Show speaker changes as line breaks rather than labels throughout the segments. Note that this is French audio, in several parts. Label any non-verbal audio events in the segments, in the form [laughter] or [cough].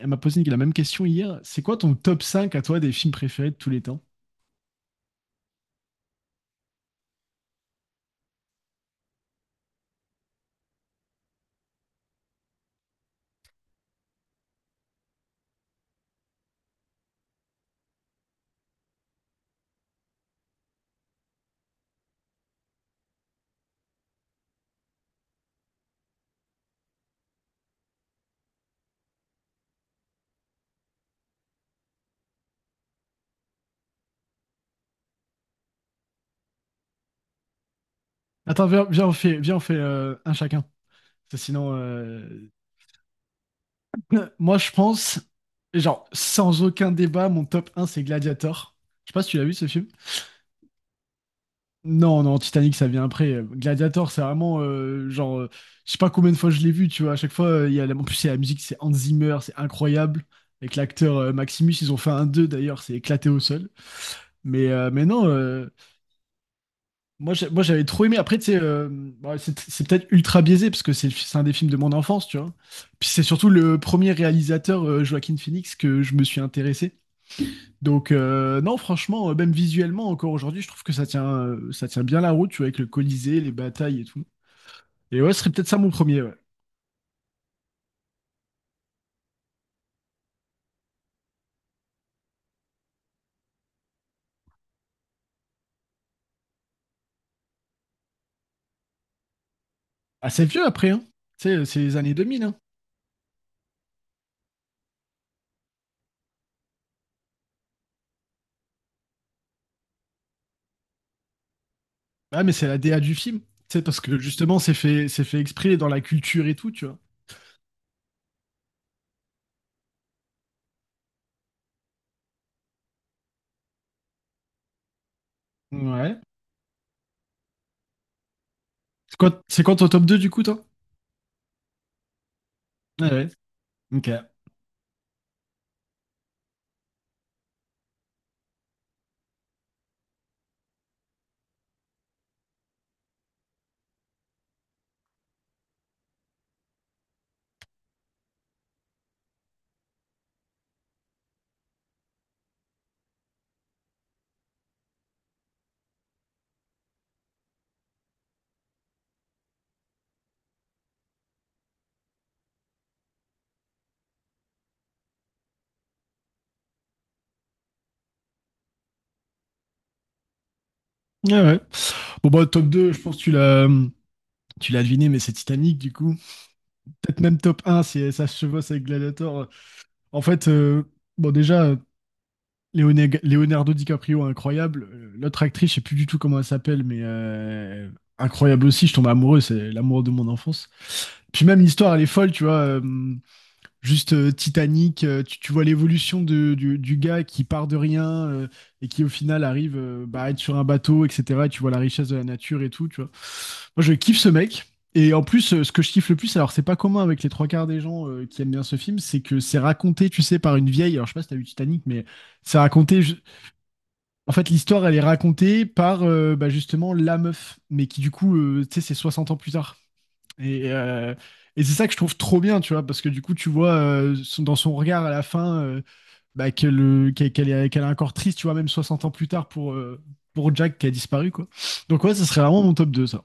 Elle m'a posé la même question hier. C'est quoi ton top 5 à toi des films préférés de tous les temps? Attends, viens, on fait, viens, on fait un chacun. Parce que sinon, [laughs] moi je pense, genre, sans aucun débat, mon top 1 c'est Gladiator. Je sais pas si tu l'as vu ce film. Non, non, Titanic ça vient après. Gladiator, c'est vraiment genre, je sais pas combien de fois je l'ai vu, tu vois. À chaque fois, il y a en plus, c'est la musique, c'est Hans Zimmer, c'est incroyable. Avec l'acteur Maximus, ils ont fait un 2 d'ailleurs, c'est éclaté au sol. Mais non, Moi, j'ai- moi, j'avais trop aimé. Après, tu sais, bon, c'est peut-être ultra biaisé parce que c'est un des films de mon enfance, tu vois. Puis c'est surtout le premier réalisateur, Joaquin Phoenix, que je me suis intéressé. Donc, non, franchement, même visuellement, encore aujourd'hui, je trouve que ça tient bien la route, tu vois, avec le Colisée, les batailles et tout. Et ouais, ce serait peut-être ça mon premier, ouais. Assez vieux après, hein. Tu sais, c'est les années 2000, hein. Ah, mais c'est la DA du film. Tu sais, parce que justement, c'est fait exprès dans la culture et tout, tu vois. Ouais. C'est quoi ton top 2 du coup, toi? Ouais, ouais. Ok. Ah ouais. Bon, bah, top 2 je pense que tu l'as. Tu l'as deviné, mais c'est Titanic, du coup. Peut-être même top un si ça se chevauche avec Gladiator. En fait, bon, déjà, Leonardo DiCaprio, incroyable. L'autre actrice, je sais plus du tout comment elle s'appelle, mais incroyable aussi. Je tombe amoureux, c'est l'amour de mon enfance. Puis même l'histoire, elle est folle, tu vois. Juste titanique. Tu vois l'évolution du gars qui part de rien et qui au final arrive bah, à être sur un bateau, etc. Et tu vois la richesse de la nature et tout, tu vois. Moi, je kiffe ce mec. Et en plus, ce que je kiffe le plus, alors c'est pas commun avec les trois quarts des gens qui aiment bien ce film, c'est que c'est raconté, tu sais, par une vieille. Alors je sais pas si t'as vu Titanic, mais c'est raconté. je- en fait, l'histoire, elle est racontée par bah, justement la meuf, mais qui du coup, tu sais, c'est 60 ans plus tard. Et, euh, et c'est ça que je trouve trop bien, tu vois, parce que du coup, tu vois dans son regard à la fin bah, qu'elle est encore triste, tu vois, même 60 ans plus tard pour Jack qui a disparu, quoi. Donc ouais, ça serait vraiment mon top deux, ça.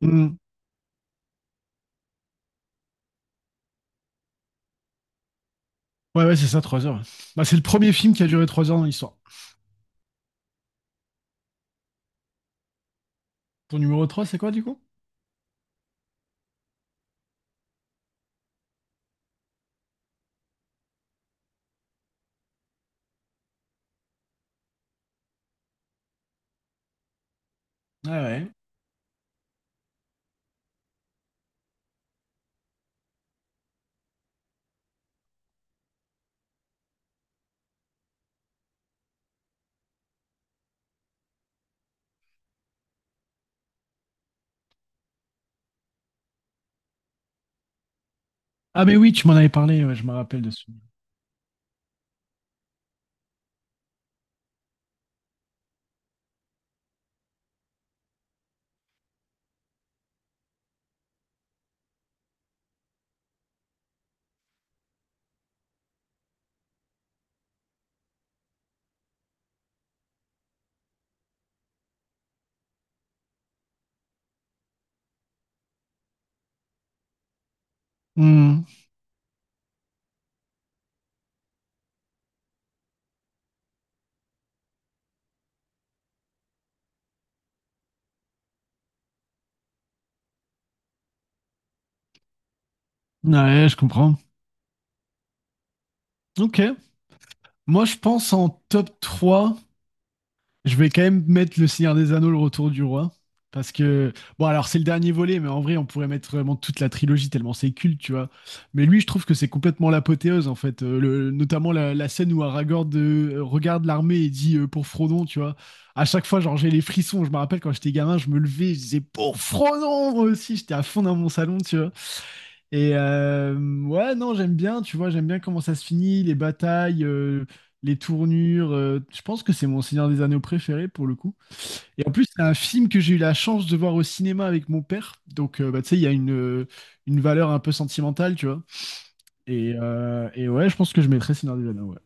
Mm. Ouais, ouais, c'est ça, 3 heures. Bah, c'est le premier film qui a duré 3 heures dans l'histoire. Ton numéro 3, c'est quoi, du coup? Ah ouais. Ah mais oui, tu m'en avais parlé, ouais, je me rappelle de ce film. Mm. Ouais, je comprends. Ok. Moi, je pense en top 3. Je vais quand même mettre Le Seigneur des Anneaux, Le Retour du Roi. Parce que, bon, alors c'est le dernier volet, mais en vrai, on pourrait mettre vraiment toute la trilogie tellement c'est culte, tu vois. Mais lui, je trouve que c'est complètement l'apothéose, en fait. Notamment la, la scène où Aragorn regarde l'armée et dit pour Frodon, tu vois. À chaque fois, genre, j'ai les frissons. Je me rappelle quand j'étais gamin, je me levais, je disais pour Frodon, moi aussi. J'étais à fond dans mon salon, tu vois. Et euh, ouais, non, j'aime bien, tu vois, j'aime bien comment ça se finit, les batailles, les tournures. Je pense que c'est mon Seigneur des Anneaux préféré pour le coup. Et en plus, c'est un film que j'ai eu la chance de voir au cinéma avec mon père. Donc, bah, tu sais, il y a une valeur un peu sentimentale, tu vois. Et ouais, je pense que je mettrais Seigneur des Anneaux, ouais.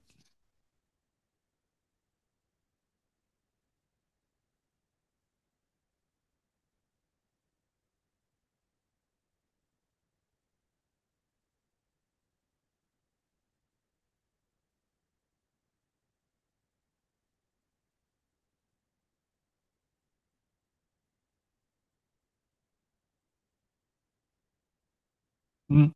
Mm.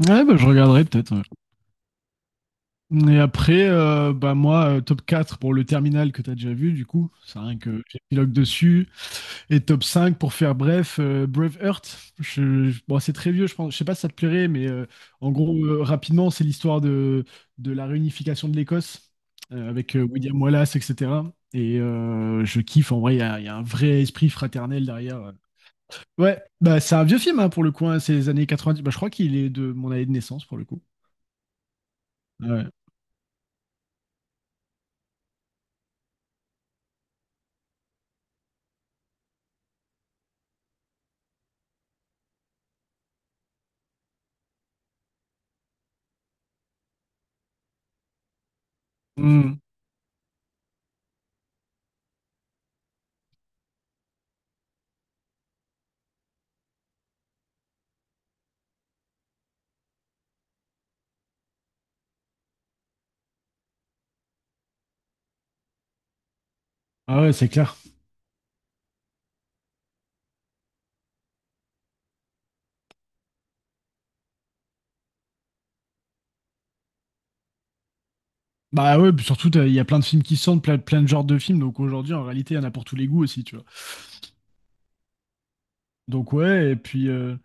Ouais, bah, je regarderai peut-être. Ouais. Et après, bah, moi, top 4 pour le terminal que tu as déjà vu, du coup. C'est vrai que j'épilogue dessus. Et top 5 pour faire bref, Braveheart. Bon, c'est très vieux, je pense. Je sais pas si ça te plairait, mais en gros, rapidement, c'est l'histoire de la réunification de l'Écosse avec William Wallace, etc. Et je kiffe. En vrai, il y a un vrai esprit fraternel derrière. Ouais, bah, c'est un vieux film hein, pour le coup. Hein, c'est les années 90. Bah, je crois qu'il est de mon année de naissance pour le coup. Ah ouais. Mm. Ah ouais, c'est clair. Bah ouais, puis surtout, il y a plein de films qui sortent, plein, plein de genres de films. Donc aujourd'hui, en réalité, il y en a pour tous les goûts aussi, tu vois. Donc ouais, et puis. euh,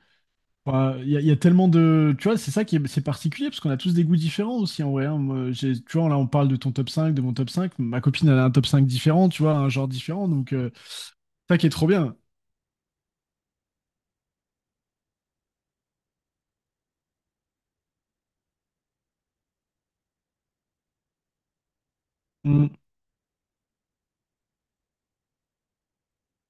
Enfin, Il y, a il y a tellement de. Tu vois, c'est ça qui est, c'est particulier, parce qu'on a tous des goûts différents aussi en vrai. Hein. Moi, j'ai, tu vois, là, on parle de ton top 5 de mon top cinq. Ma copine, elle a un top 5 différent, tu vois, un genre différent. Donc, ça qui est trop bien. Mm.